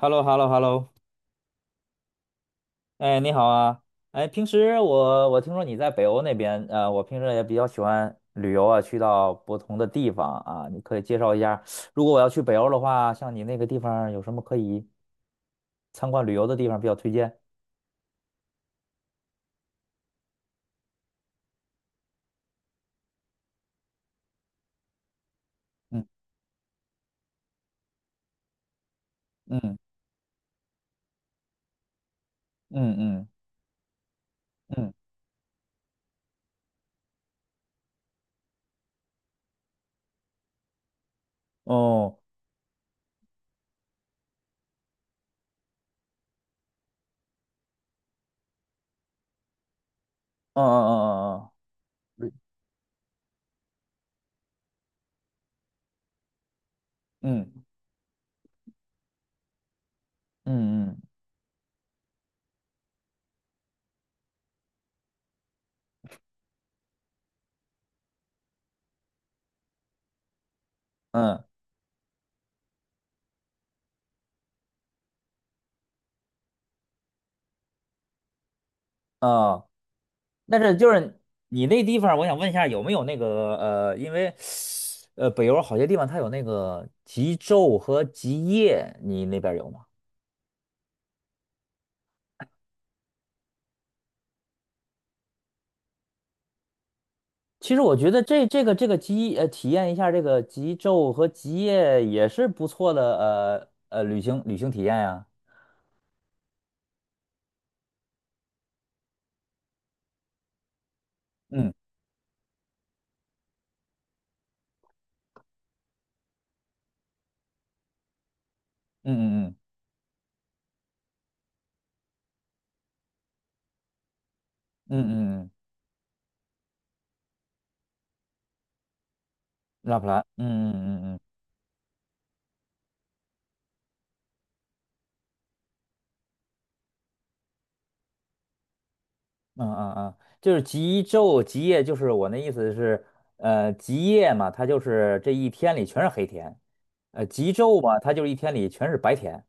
hello hello hello 哎，你好啊！哎，平时我听说你在北欧那边，我平时也比较喜欢旅游啊，去到不同的地方啊，你可以介绍一下，如果我要去北欧的话，像你那个地方有什么可以参观旅游的地方比较推荐？嗯嗯嗯嗯嗯，哦，嗯嗯嗯嗯嗯，嗯嗯嗯嗯嗯，啊。但是就是你那地方，我想问一下有没有那个因为北欧好些地方它有那个极昼和极夜，你那边有吗？其实我觉得这个极体验一下这个极昼和极夜也是不错的旅行体验呀、嗯嗯嗯嗯嗯嗯嗯，嗯嗯拉普兰，嗯嗯嗯嗯。嗯嗯嗯，就是极昼极夜，就是我那意思是，极夜嘛，它就是这一天里全是黑天，极昼嘛，它就是一天里全是白天。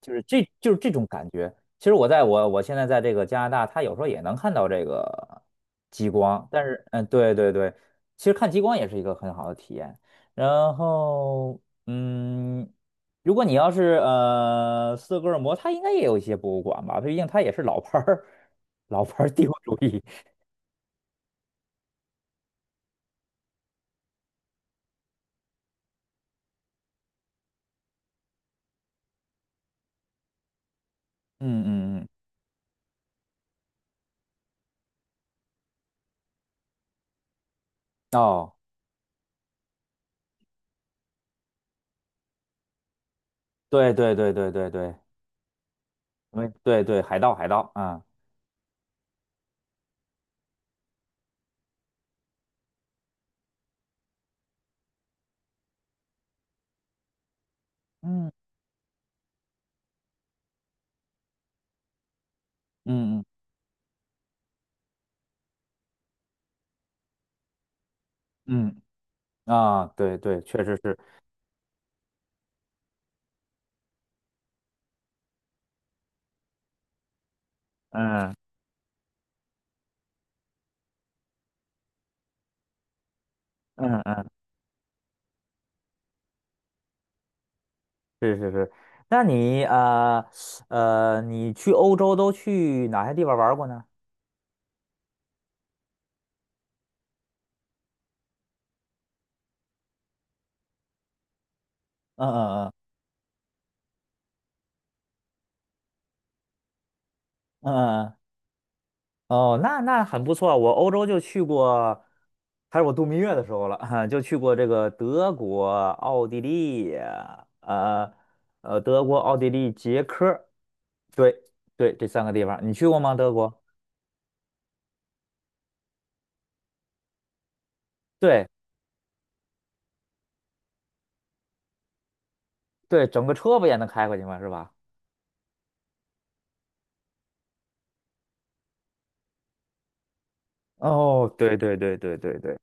就是这种感觉。其实我在我现在在这个加拿大，它有时候也能看到这个极光，但是对对对，其实看极光也是一个很好的体验。然后嗯，如果你要是斯德哥尔摩，它应该也有一些博物馆吧，毕竟它也是老牌儿帝国主义。嗯嗯嗯，哦，对对对对对对，因为对对海盗海盗啊，嗯嗯嗯嗯啊，对对，确实是，嗯嗯。是是是，那你你去欧洲都去哪些地方玩儿过呢？嗯嗯嗯嗯嗯，哦，那很不错。我欧洲就去过，还是我度蜜月的时候了，就去过这个德国、奥地利，呃德国、奥地利、捷克，对对，这三个地方，你去过吗？德国？对对，整个车不也能开过去吗？是吧？哦，对对对对对对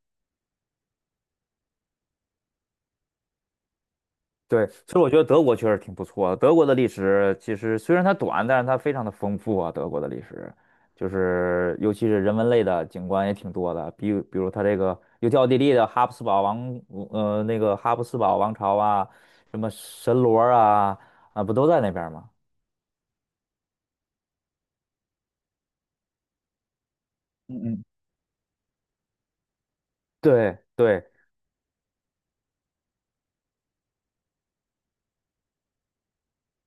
对，所以我觉得德国确实挺不错的。德国的历史其实虽然它短，但是它非常的丰富啊。德国的历史就是尤其是人文类的景观也挺多的，比如它这个尤其奥地利的哈布斯堡王，那个哈布斯堡王朝啊，什么神罗啊，啊，不都在那边儿吗？嗯嗯，对对，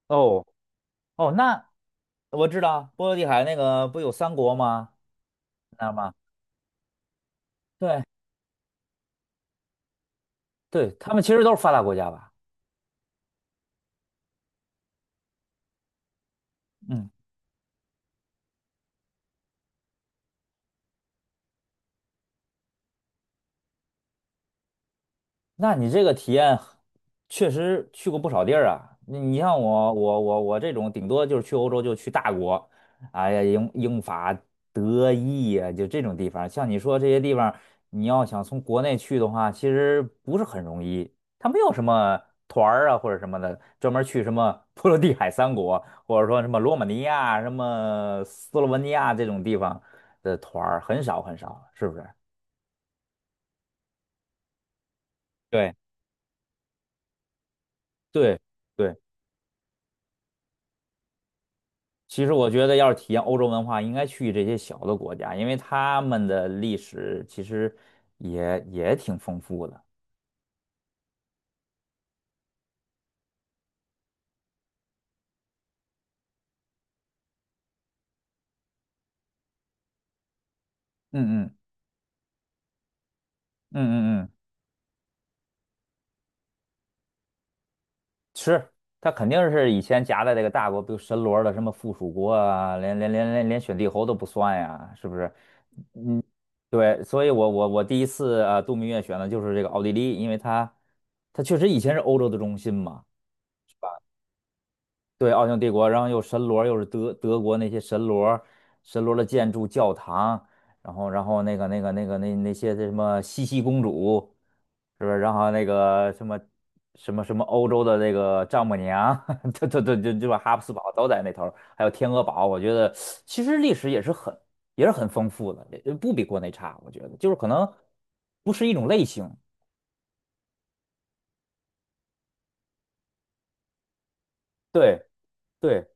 哦哦，那我知道波罗的海那个不有三国吗？那儿吗？对对，他们其实都是发达国家吧？嗯。那你这个体验确实去过不少地儿啊。你你像我，我这种顶多就是去欧洲就去大国，哎呀，英法德意呀、就这种地方。像你说这些地方，你要想从国内去的话，其实不是很容易。它没有什么团儿啊或者什么的，专门去什么 波罗的海三国，或者说什么罗马尼亚、什么斯洛文尼亚这种地方的团儿很少很少，是不是？对对对。其实我觉得，要是体验欧洲文化，应该去这些小的国家，因为他们的历史其实也挺丰富的。嗯嗯嗯嗯嗯，是，他肯定是以前夹在这个大国，比如神罗的什么附属国啊，连选帝侯都不算呀，是不是？嗯，对，所以我第一次啊度蜜月选的就是这个奥地利，因为它确实以前是欧洲的中心嘛。对，奥匈帝国，然后又神罗，又是德国那些神罗，神罗的建筑、教堂，然后那些什么茜茜公主，是不是？然后那个什么欧洲的那个丈母娘，这把哈布斯堡都在那头儿还有天鹅堡，我觉得其实历史也是很丰富的，也不比国内差，我觉得就是可能不是一种类型，对对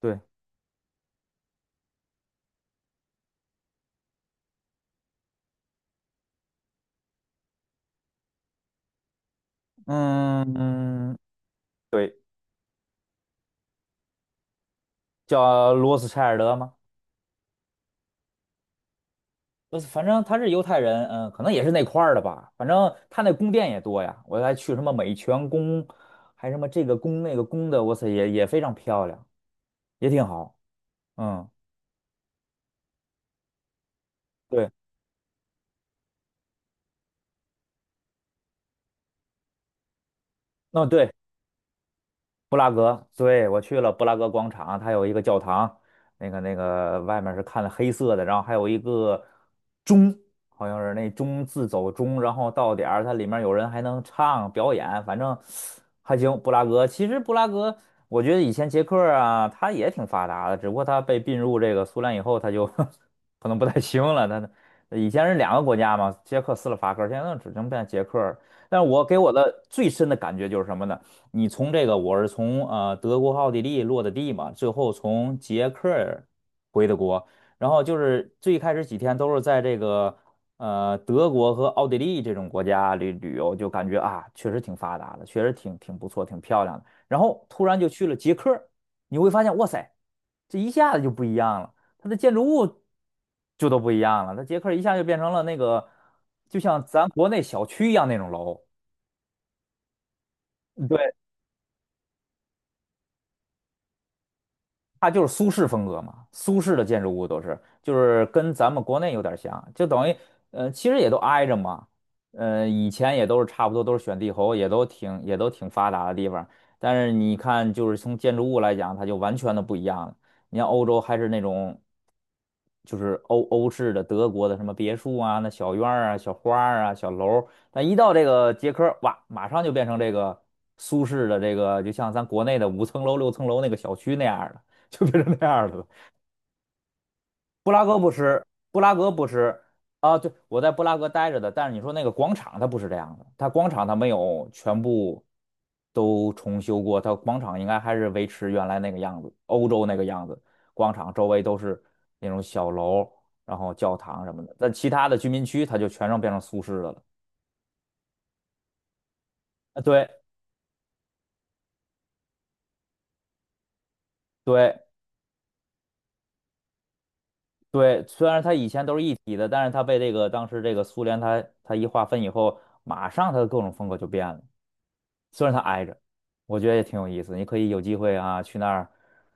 对，嗯嗯，对，叫罗斯柴尔德吗？反正他是犹太人，嗯，可能也是那块儿的吧。反正他那宫殿也多呀，我还去什么美泉宫，还什么这个宫那个宫的，我操，也非常漂亮，也挺好。嗯，对，那对，布拉格，对，我去了布拉格广场，它有一个教堂，那个外面是看的黑色的，然后还有一个钟，好像是那钟自走钟，然后到点儿它里面有人还能唱表演，反正还行。布拉格，我觉得以前捷克啊，它也挺发达的，只不过它被并入这个苏联以后，它就 可能不太行了。它以前是2个国家嘛，捷克斯洛伐克，现在只能变捷克。但是我给我的最深的感觉就是什么呢？你从这个，我是从德国、奥地利落的地嘛，最后从捷克儿回的国，然后就是最开始几天都是在这个德国和奥地利这种国家旅游，就感觉啊确实挺发达的，确实挺不错，挺漂亮的。然后突然就去了捷克儿你会发现哇塞，这一下子就不一样了，它的建筑物就都不一样了，它捷克儿一下就变成了那个就像咱国内小区一样那种楼。对。它就是苏式风格嘛，苏式的建筑物都是，就是跟咱们国内有点像，就等于，其实也都挨着嘛，以前也都是差不多，都是选帝侯，也都挺发达的地方，但是你看，就是从建筑物来讲，它就完全的不一样了。你像欧洲还是那种就是欧式的德国的什么别墅啊，那小院儿啊、小花儿啊、小楼儿，但一到这个捷克，哇，马上就变成这个苏式的这个，就像咱国内的5层楼、6层楼那个小区那样儿的，就变成那样儿的布拉格不吃，布拉格不吃啊。对，我在布拉格待着的，但是你说那个广场它不是这样的，它广场它没有全部都重修过，它广场应该还是维持原来那个样子，欧洲那个样子。广场周围都是那种小楼，然后教堂什么的。但其他的居民区它就全让变成苏式的了。啊，对对对，虽然它以前都是一体的，但是它被这个当时这个苏联它一划分以后，马上它的各种风格就变了。虽然它挨着，我觉得也挺有意思。你可以有机会啊，去那儿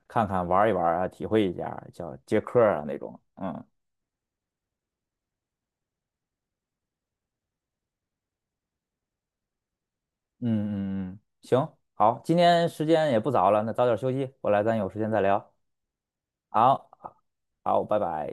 看看、玩一玩啊，体会一下，叫接客儿啊那种。嗯嗯嗯嗯，行，好，今天时间也不早了，那早点休息，回来咱有时间再聊。好，好，拜拜。